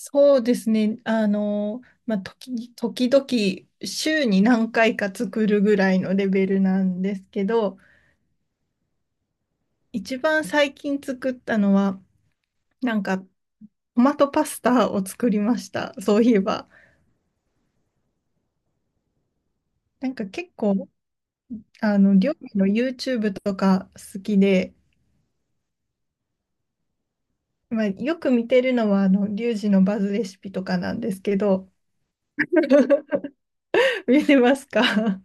そうですね。まあ、時々週に何回か作るぐらいのレベルなんですけど、一番最近作ったのは、なんかトマトパスタを作りました。そういえば。なんか結構、料理の YouTube とか好きで、まあ、よく見てるのは、リュウジのバズレシピとかなんですけど、見てますか？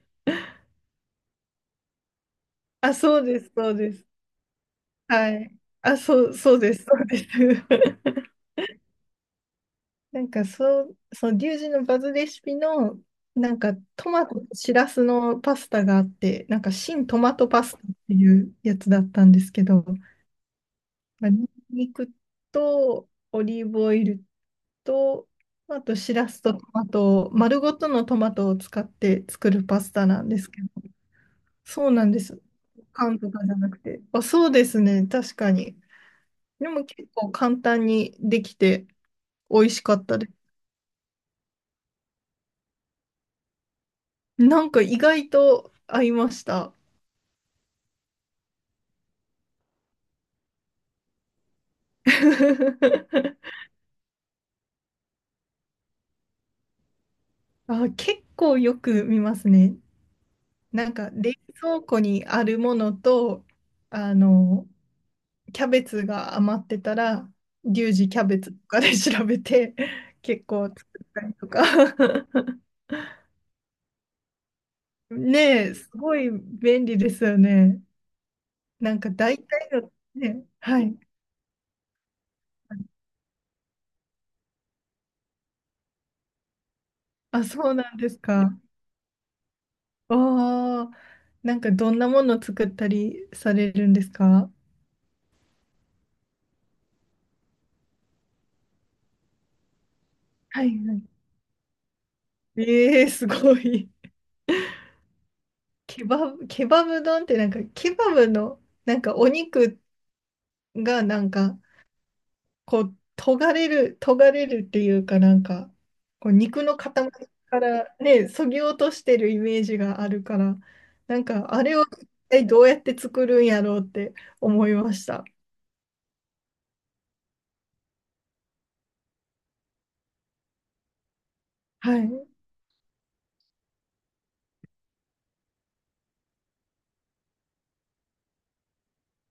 あ、そうです、そうです。はい。あ、そう、そうです、そうです。なんかそう、そう、リュウジのバズレシピの、なんかトマトとシラスのパスタがあって、なんか新トマトパスタっていうやつだったんですけど、まあ、ニンニクとオリーブオイルと、あとシラスとトマトを、丸ごとのトマトを使って作るパスタなんですけど、そうなんです。缶とかじゃなくて。あ、そうですね、確かに。でも結構簡単にできて美味しかったです。なんか意外と合いました。あ、結構よく見ますね。なんか冷蔵庫にあるものと、あの、キャベツが余ってたら、リュウジキャベツとかで調べて、結構作ったりとか。ねえ、すごい便利ですよね。なんか大体の、ね、はい。あ、そうなんですか。ああ、なんかどんなもの作ったりされるんですか？はいはい。ええすごい。ケバブ丼ってなんか、ケバブの、なんかお肉がなんか、こう、とがれる、とがれるっていうかなんか、こう肉の塊からね、そぎ落としてるイメージがあるから、なんか、あれを一体どうやって作るんやろうって思いました。はい。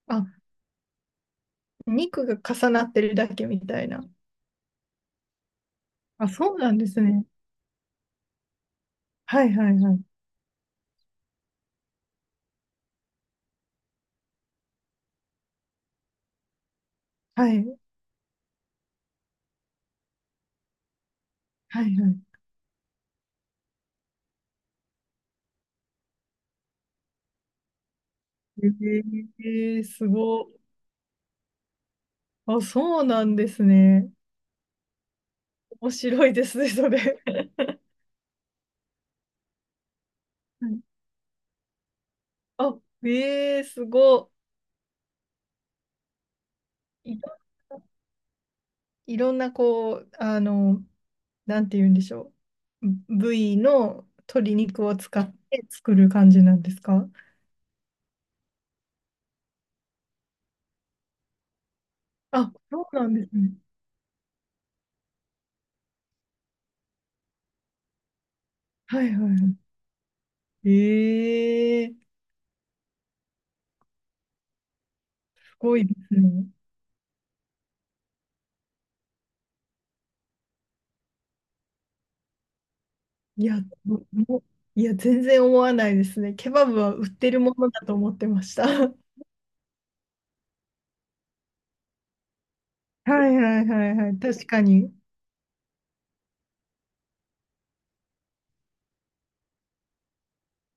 あ、肉が重なってるだけみたいな。あ、そうなんですね。はいはいはい。はいはいはい。ええすごい。あ、そうなんですね。面白いですね、それ。はい。あ、ええすごい。いろんな、こう、なんて言うんでしょう。部位の鶏肉を使って作る感じなんですか？あ、そうなんですね。はいはいはい。ええすごいですね。いや、ももいや、全然思わないですね。ケバブは売ってるものだと思ってました。はいはいはいはい。確かに。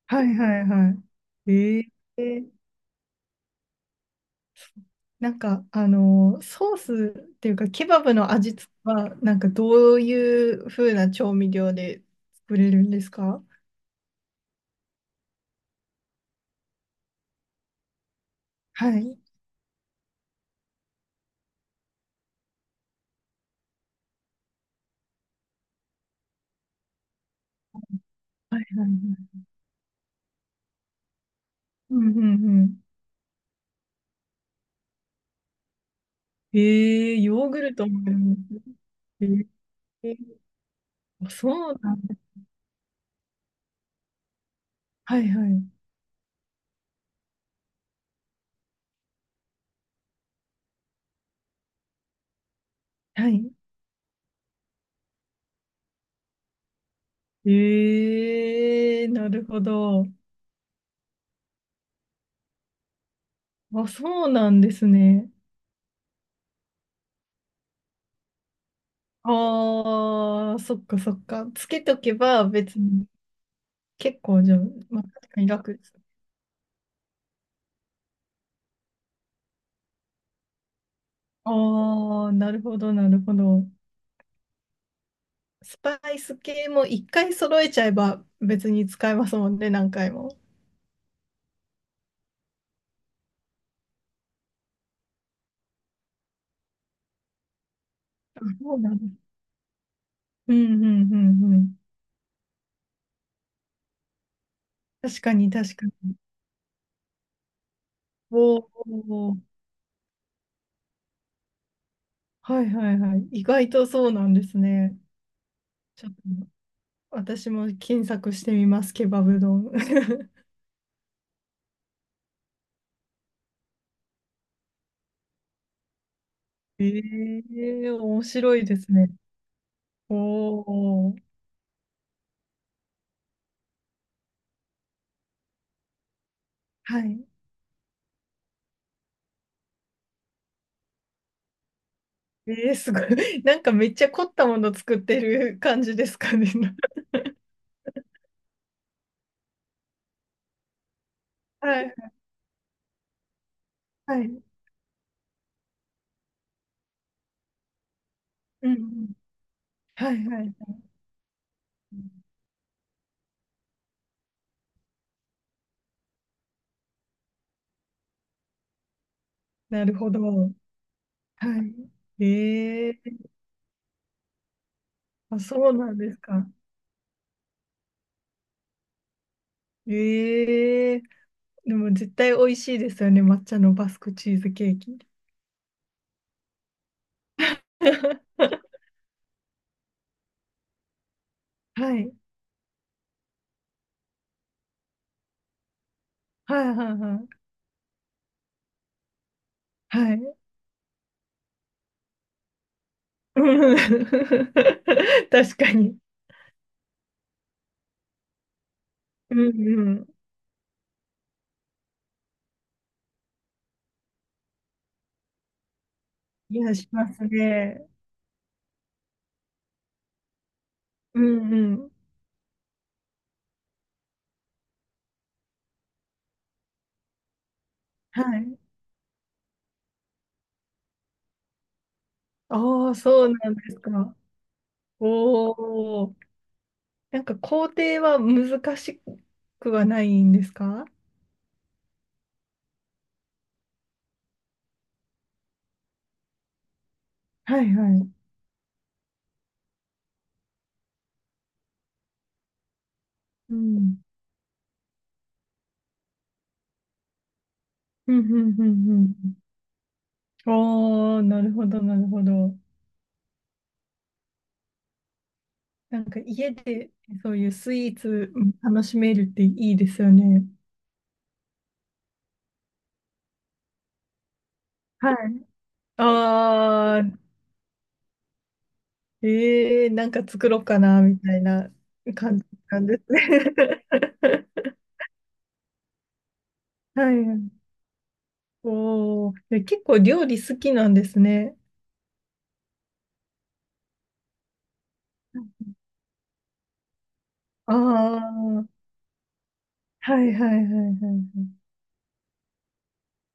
はいはいはい。えー、なんか、ソースっていうか、ケバブの味付けは、なんかどういう風な調味料で作れるんですか？はい。はいはいはい。うんうんうん。えー、ヨーグルトもあるんですね。えー、あそうなんだ。はいはい。はい。えー、なるほど。あ、そうなんですね。ああ、そっかそっか。つけとけば別に結構じゃあ、まあ、確かに楽です。ああ、なるほど、なるほど。スパイス系も一回揃えちゃえば別に使えますもんね、何回も。あそうなんです。うんうんうんうん。確かに確かに。おお、はいはいはい。意外とそうなんですね。ちょっと私も検索してみます、ケバブ丼。ええ面白いですね。おお、はい。えー、すごい。なんかめっちゃ凝ったもの作ってる感じですかね？はい、はい。うんうん。はい、はい。なるほど。はい。えー、あ、そうなんですか。えー、でも絶対美味しいですよね。抹茶のバスクチーズケーキ。はい。はい、はい、はい。はい。うん 確かに。うんうん。いや、しますね。うんうん。はい。ああ、そうなんですか。おお、なんか工程は難しくはないんですか？はいはい。うん。うん、うん、うん、うん。おお、なるほど、なるほど。なんか家でそういうスイーツ楽しめるっていいですよね。はい。ああ、ええなんか作ろうかな、みたいな感じなんですね。はい。おお、で結構料理好きなんですね。ああ、はいはいはいはいはい。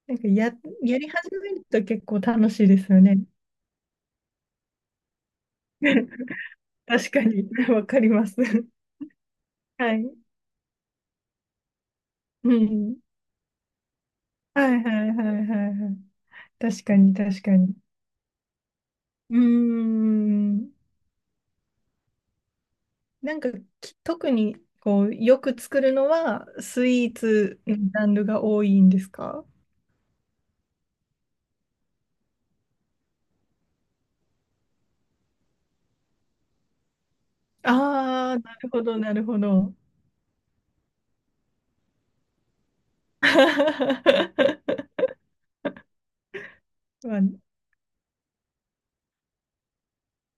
なんかやり始めると結構楽しいですよね。確かに、わかります。はい。うん。はいはいはいはいはい。確かに確かに。うーん。なんか特にこう、よく作るのはスイーツのジャンルが多いんですか？ああー、なるほどなるほど。まあ、